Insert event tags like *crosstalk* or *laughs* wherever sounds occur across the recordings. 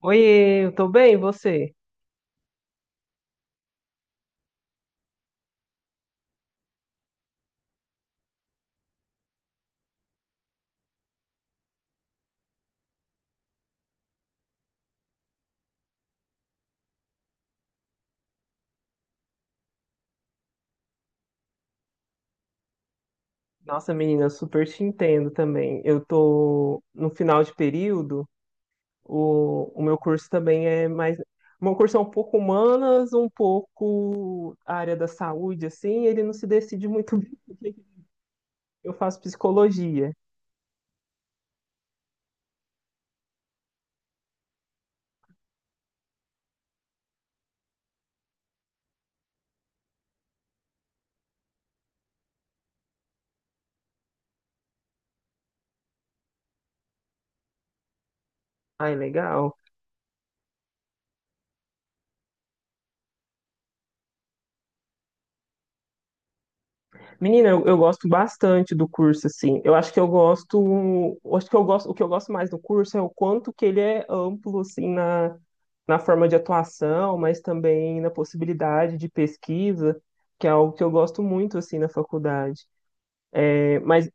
Oiê, eu tô bem, e você? Nossa, menina, eu super te entendo também. Eu tô no final de período, o meu curso também é mais. O meu curso é um pouco humanas, um pouco a área da saúde, assim, ele não se decide muito *laughs* bem. Eu faço psicologia. Ai, legal. Menina, eu gosto bastante do curso, assim. Eu acho que eu gosto, eu acho que eu gosto, o que eu gosto mais do curso é o quanto que ele é amplo, assim, na forma de atuação, mas também na possibilidade de pesquisa, que é algo que eu gosto muito, assim, na faculdade. É, mas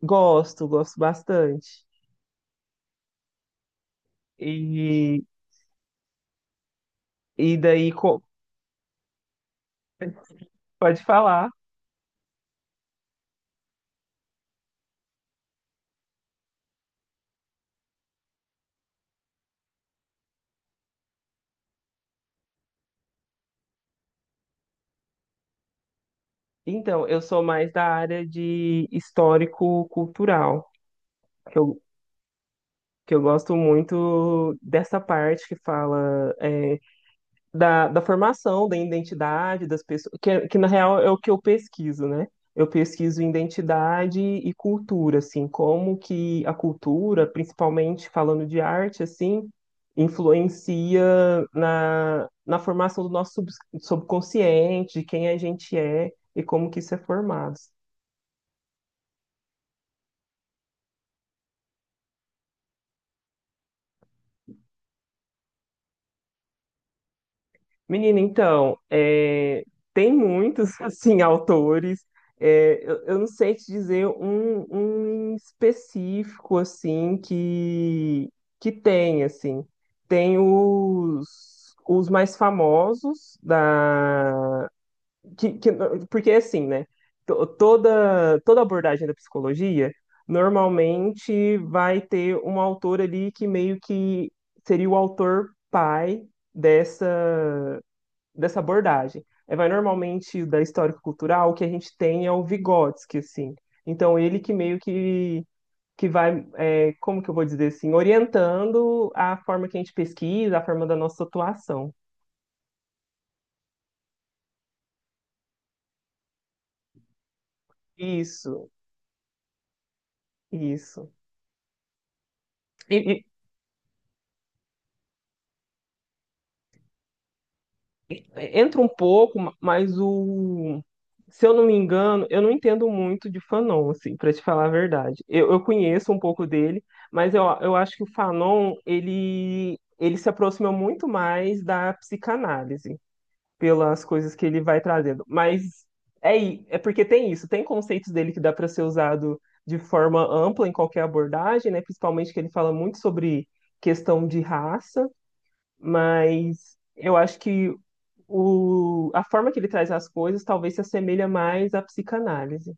gosto, gosto bastante. E, e pode falar. Então, eu sou mais da área de histórico-cultural. Que eu gosto muito dessa parte que fala da formação, da identidade das pessoas, que na real é o que eu pesquiso, né? Eu pesquiso identidade e cultura, assim, como que a cultura, principalmente falando de arte, assim, influencia na formação do nosso subconsciente, de quem a gente é e como que isso é formado. Menina, então, tem muitos, *laughs* assim, autores. É, eu não sei te dizer um em específico, assim, que tem, assim. Tem os mais famosos da... que- que- porque, assim, né? Toda, toda abordagem da psicologia normalmente vai ter um autor ali que meio que seria o autor pai dessa dessa abordagem. É, vai normalmente da histórico-cultural, o que a gente tem é o Vygotsky, assim. Então, ele que meio que vai, como que eu vou dizer assim, orientando a forma que a gente pesquisa, a forma da nossa atuação. Isso, isso. E, É, entra um pouco, mas o. Se eu não me engano, eu não entendo muito de Fanon, assim, para te falar a verdade. Eu conheço um pouco dele, mas eu acho que o Fanon, ele se aproxima muito mais da psicanálise, pelas coisas que ele vai trazendo. Mas é porque tem isso, tem conceitos dele que dá para ser usado de forma ampla em qualquer abordagem, né? Principalmente que ele fala muito sobre questão de raça, mas eu acho que a forma que ele traz as coisas talvez se assemelha mais à psicanálise.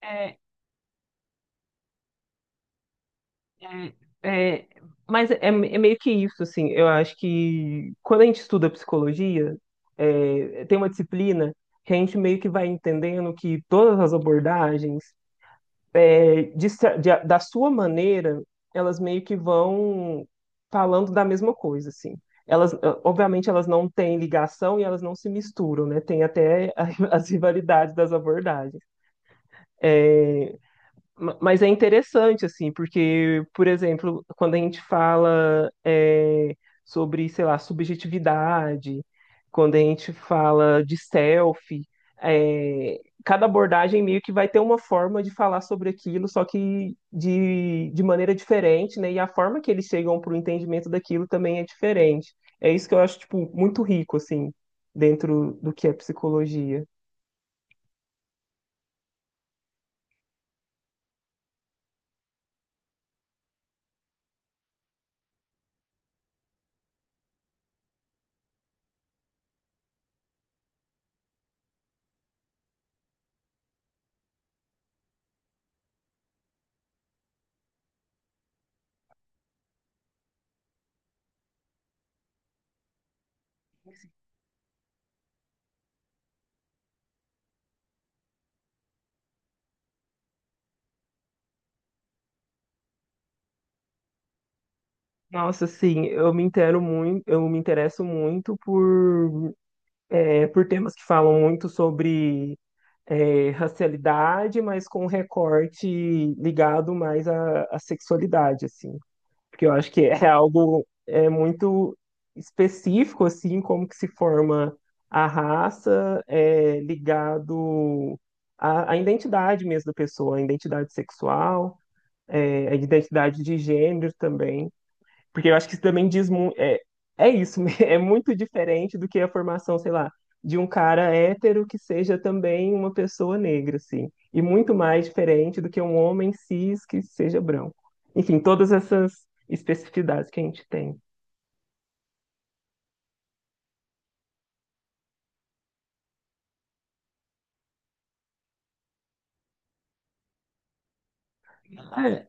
É, é, é, mas é meio que isso, assim. Eu acho que quando a gente estuda psicologia, tem uma disciplina que a gente meio que vai entendendo que todas as abordagens da sua maneira, elas meio que vão falando da mesma coisa, assim. Elas, obviamente, elas não têm ligação e elas não se misturam, né? Tem até *laughs* as rivalidades das abordagens. É, Mas é interessante, assim, porque, por exemplo, quando a gente fala sobre, sei lá, subjetividade, quando a gente fala de selfie, cada abordagem meio que vai ter uma forma de falar sobre aquilo, só que de maneira diferente, né? E a forma que eles chegam para o entendimento daquilo também é diferente. É isso que eu acho, tipo, muito rico, assim, dentro do que é psicologia. Nossa, sim, eu me interesso muito por por temas que falam muito sobre racialidade, mas com um recorte ligado mais à sexualidade, assim. Porque eu acho que é algo muito específico, assim, como que se forma a raça ligado à identidade mesmo da pessoa, à identidade sexual, à identidade de gênero também. Porque eu acho que isso também diz muito. É, é isso, *laughs* é muito diferente do que a formação, sei lá, de um cara hétero que seja também uma pessoa negra, assim. E muito mais diferente do que um homem cis que seja branco. Enfim, todas essas especificidades que a gente tem. É,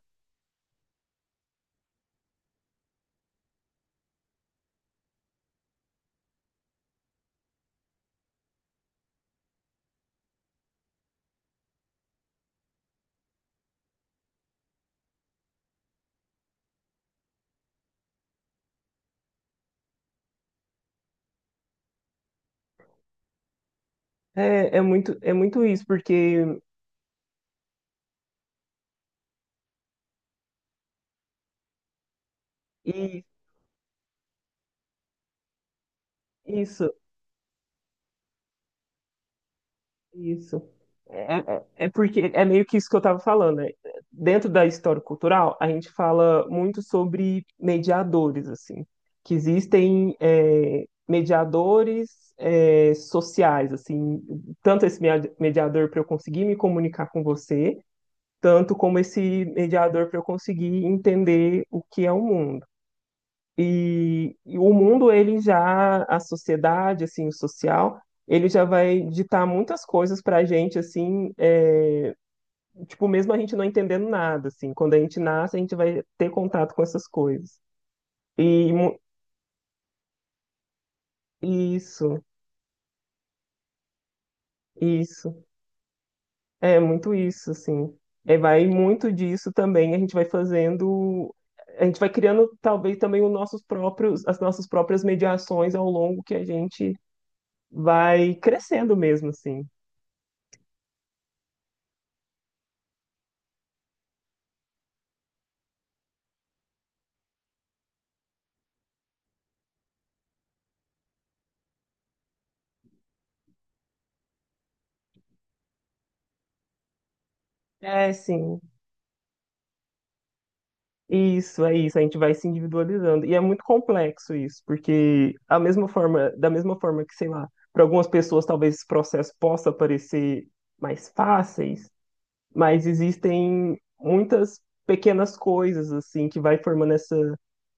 é muito isso, porque. E isso, isso. É porque é meio que isso que eu estava falando, né? Dentro da história cultural, a gente fala muito sobre mediadores, assim, que existem mediadores sociais, assim, tanto esse mediador para eu conseguir me comunicar com você, tanto como esse mediador para eu conseguir entender o que é o mundo. E o mundo, ele já, a sociedade, assim, o social, ele já vai ditar muitas coisas para a gente, assim, tipo, mesmo a gente não entendendo nada, assim, quando a gente nasce, a gente vai ter contato com essas coisas. E mu- isso, isso, é muito isso, assim. É, vai muito disso também, a gente vai fazendo, a gente vai criando talvez também os nossos próprios, as nossas próprias mediações ao longo que a gente vai crescendo mesmo, assim. É, sim. Isso, é isso. A gente vai se individualizando. E é muito complexo isso, porque a mesma forma, da mesma forma que, sei lá, para algumas pessoas talvez esse processo possa parecer mais fáceis, mas existem muitas pequenas coisas assim que vai formando essa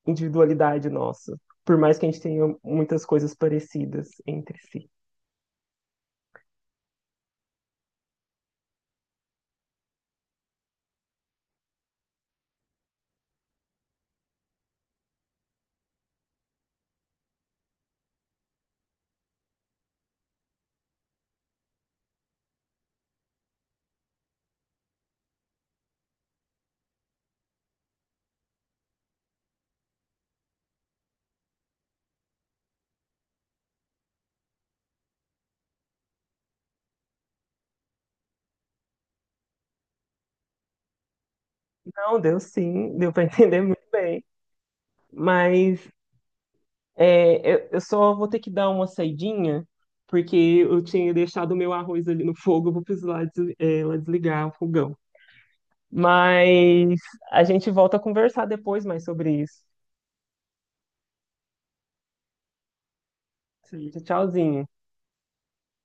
individualidade nossa, por mais que a gente tenha muitas coisas parecidas entre si. Não, deu sim, deu para *laughs* entender muito bem, mas eu só vou ter que dar uma saidinha, porque eu tinha deixado o meu arroz ali no fogo, eu vou precisar lá desligar o fogão. Mas a gente volta a conversar depois mais sobre isso. Sim. Tchauzinho.